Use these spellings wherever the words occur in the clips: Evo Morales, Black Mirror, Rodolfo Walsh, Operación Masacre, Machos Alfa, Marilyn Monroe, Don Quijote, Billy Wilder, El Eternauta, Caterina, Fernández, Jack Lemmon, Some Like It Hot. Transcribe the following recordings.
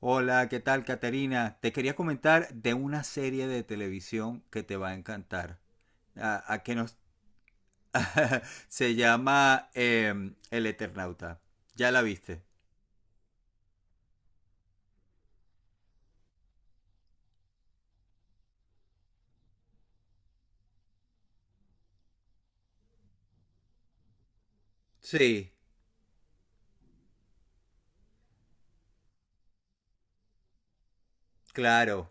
Hola, ¿qué tal, Caterina? Te quería comentar de una serie de televisión que te va a encantar. A que nos se llama El Eternauta. ¿Ya la viste? Sí, claro.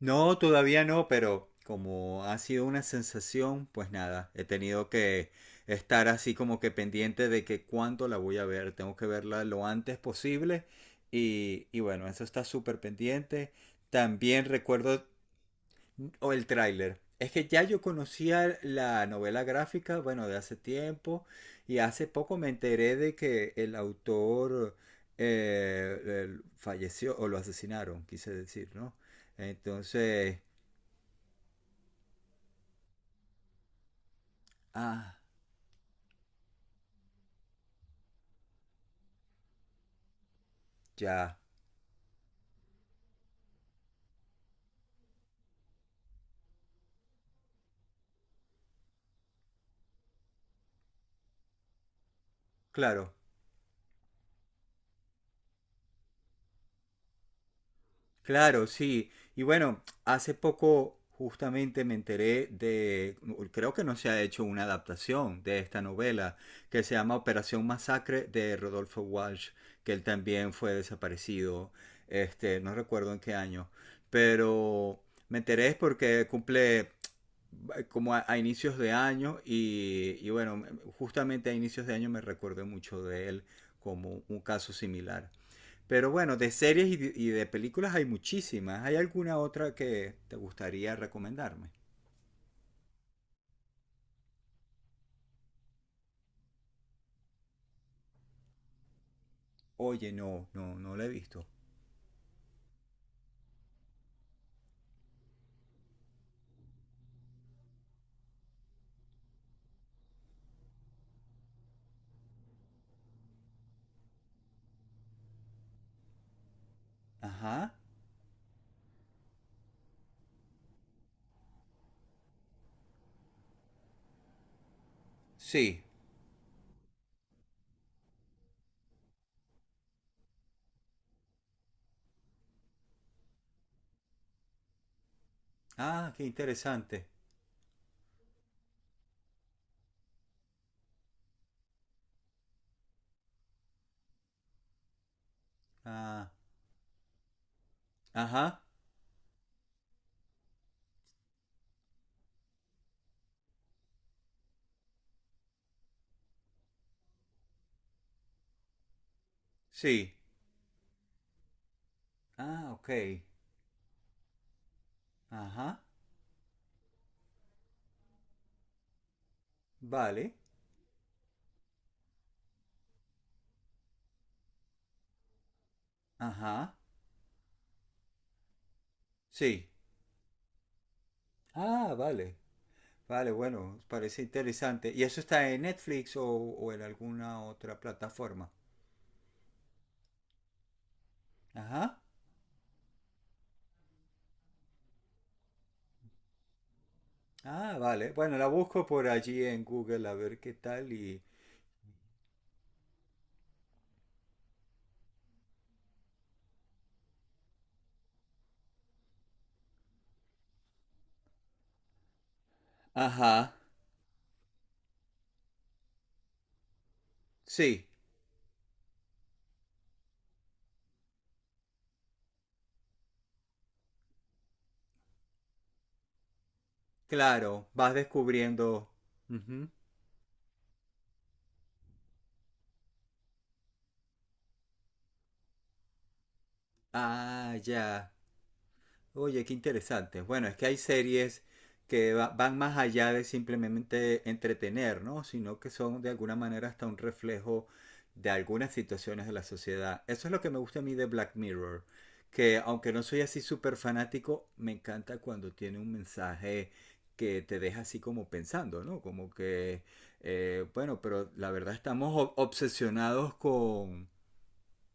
No, todavía no, pero como ha sido una sensación, pues nada, he tenido que estar así como que pendiente de que cuándo la voy a ver. Tengo que verla lo antes posible y bueno, eso está súper pendiente. También recuerdo o el tráiler. Es que ya yo conocía la novela gráfica, bueno, de hace tiempo, y hace poco me enteré de que el autor falleció o lo asesinaron, quise decir, ¿no? Entonces, ah, ya, claro. Claro, sí. Y bueno, hace poco justamente me enteré de, creo que no se ha hecho una adaptación de esta novela que se llama Operación Masacre de Rodolfo Walsh, que él también fue desaparecido, este, no recuerdo en qué año, pero me enteré es porque cumple como a inicios de año y bueno, justamente a inicios de año me recordé mucho de él como un caso similar. Pero bueno, de series y de películas hay muchísimas. ¿Hay alguna otra que te gustaría recomendarme? Oye, no la he visto. Ajá. Sí. Ah, qué interesante. Ah, ajá. Sí. Ah, ok. Ajá. Vale. Ajá. Sí. Ah, vale. Vale, bueno, parece interesante. ¿Y eso está en Netflix o en alguna otra plataforma? Ajá. Ah, vale. Bueno, la busco por allí en Google a ver qué tal y, ajá. Sí, claro, vas descubriendo. Ujú. Ah, ya. Oye, qué interesante. Bueno, es que hay series que van más allá de simplemente entretener, ¿no? Sino que son de alguna manera hasta un reflejo de algunas situaciones de la sociedad. Eso es lo que me gusta a mí de Black Mirror, que aunque no soy así súper fanático, me encanta cuando tiene un mensaje que te deja así como pensando, ¿no? Como que, bueno, pero la verdad estamos obsesionados con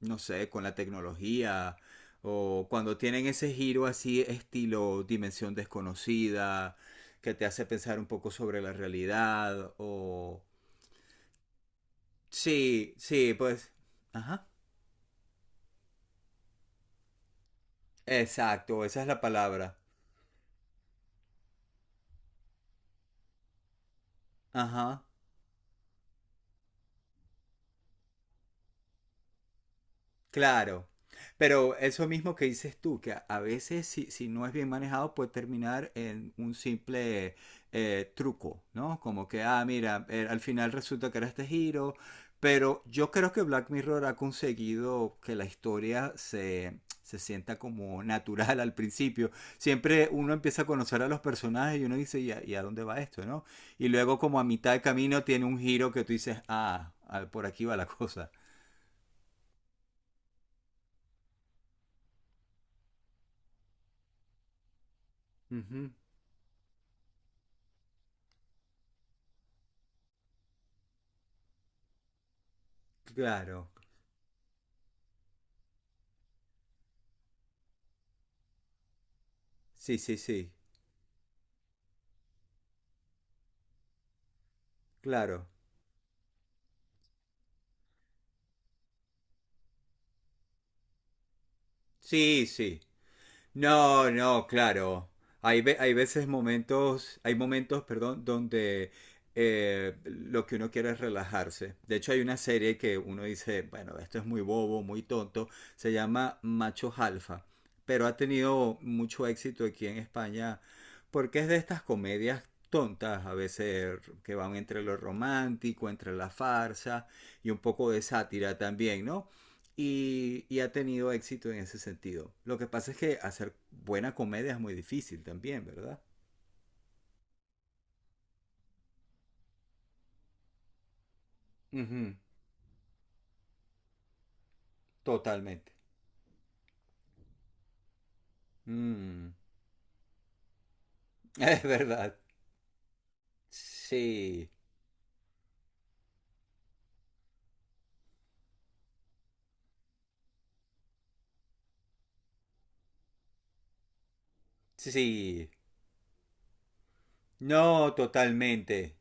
no sé, con la tecnología, o cuando tienen ese giro así estilo dimensión desconocida, que te hace pensar un poco sobre la realidad, o... Sí, sí, pues... Ajá. Exacto, esa es la palabra. Ajá. Claro. Pero eso mismo que dices tú, que a veces si no es bien manejado puede terminar en un simple truco, ¿no? Como que, ah, mira, al final resulta que era este giro, pero yo creo que Black Mirror ha conseguido que la historia se sienta como natural al principio. Siempre uno empieza a conocer a los personajes y uno dice, y a dónde va esto, no? Y luego como a mitad de camino tiene un giro que tú dices, ah, ah, por aquí va la cosa. Ujú, claro. Sí, sí, sí. Claro. Sí, sí. No, no, claro. Hay, ve- hay veces momentos, hay momentos, perdón, donde lo que uno quiere es relajarse. De hecho, hay una serie que uno dice, bueno, esto es muy bobo, muy tonto. Se llama Machos Alfa, pero ha tenido mucho éxito aquí en España porque es de estas comedias tontas, a veces que van entre lo romántico, entre la farsa y un poco de sátira también, ¿no? Ha tenido éxito en ese sentido. Lo que pasa es que hacer buena comedia es muy difícil también, ¿verdad? Uh -huh. Totalmente. Mm. Es verdad. Sí. Sí. No, totalmente.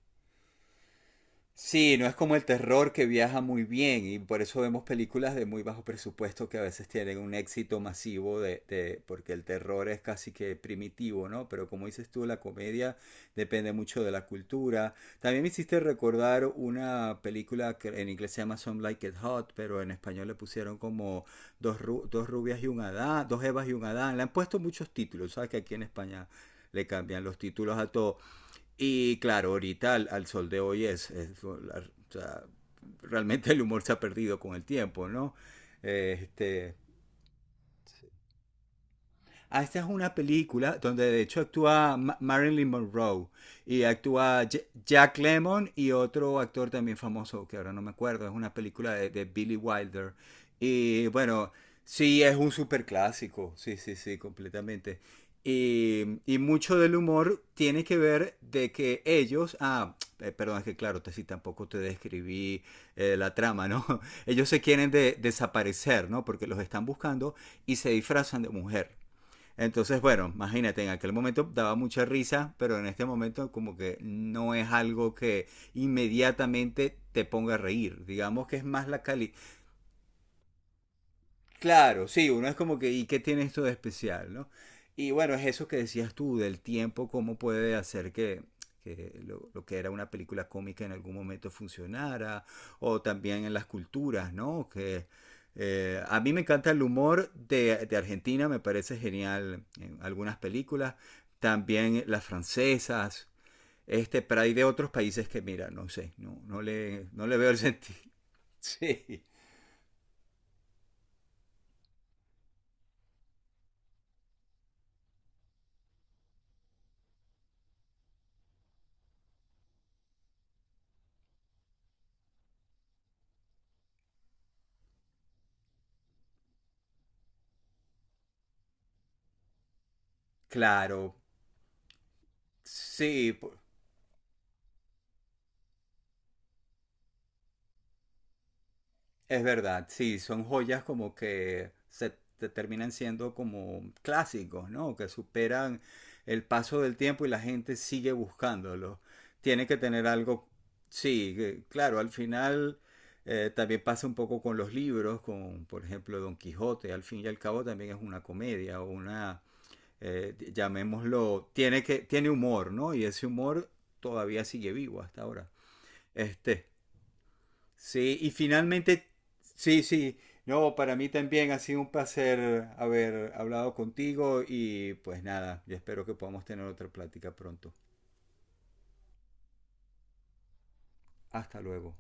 Sí, no es como el terror que viaja muy bien y por eso vemos películas de muy bajo presupuesto que a veces tienen un éxito masivo porque el terror es casi que primitivo, ¿no? Pero como dices tú, la comedia depende mucho de la cultura. También me hiciste recordar una película que en inglés se llama Some Like It Hot, pero en español le pusieron como dos rubias y un Adán, dos Evas y un Adán. Le han puesto muchos títulos, ¿sabes? Que aquí en España le cambian los títulos a todo. Y claro, ahorita al sol de hoy es o sea, realmente el humor se ha perdido con el tiempo, ¿no? Eh, Este, ah, esta es una película donde de hecho actúa Marilyn Monroe y actúa Jack Lemmon y otro actor también famoso que ahora no me acuerdo. Es una película de Billy Wilder. Y bueno, sí, es un super clásico. Sí, sí, sí, completamente. Y mucho del humor tiene que ver de que ellos, ah, perdón, es que claro, te, sí, tampoco te describí la trama, ¿no? Ellos se quieren desaparecer, ¿no? Porque los están buscando y se disfrazan de mujer. Entonces, bueno, imagínate, en aquel momento daba mucha risa, pero en este momento como que no es algo que inmediatamente te ponga a reír. Digamos que es más la, cali claro, sí, uno es como que, ¿y qué tiene esto de especial, no? Y bueno, es eso que decías tú del tiempo, cómo puede hacer que lo que era una película cómica en algún momento funcionara, o también en las culturas, ¿no? Que a mí me encanta el humor de Argentina, me parece genial en algunas películas, también las francesas, este, pero hay de otros países que, mira, no sé, no le veo el sentido. Sí, claro, sí. Por- es verdad, sí, son joyas como que se te terminan siendo como clásicos, ¿no? Que superan el paso del tiempo y la gente sigue buscándolo. Tiene que tener algo, sí, que- claro, al final también pasa un poco con los libros, con, por ejemplo, Don Quijote, al fin y al cabo también es una comedia o una, llamémoslo, tiene que, tiene humor, ¿no? Y ese humor todavía sigue vivo hasta ahora. Este, sí, y finalmente, sí, sí. No, para mí también ha sido un placer haber hablado contigo y pues nada, yo espero que podamos tener otra plática pronto. Hasta luego.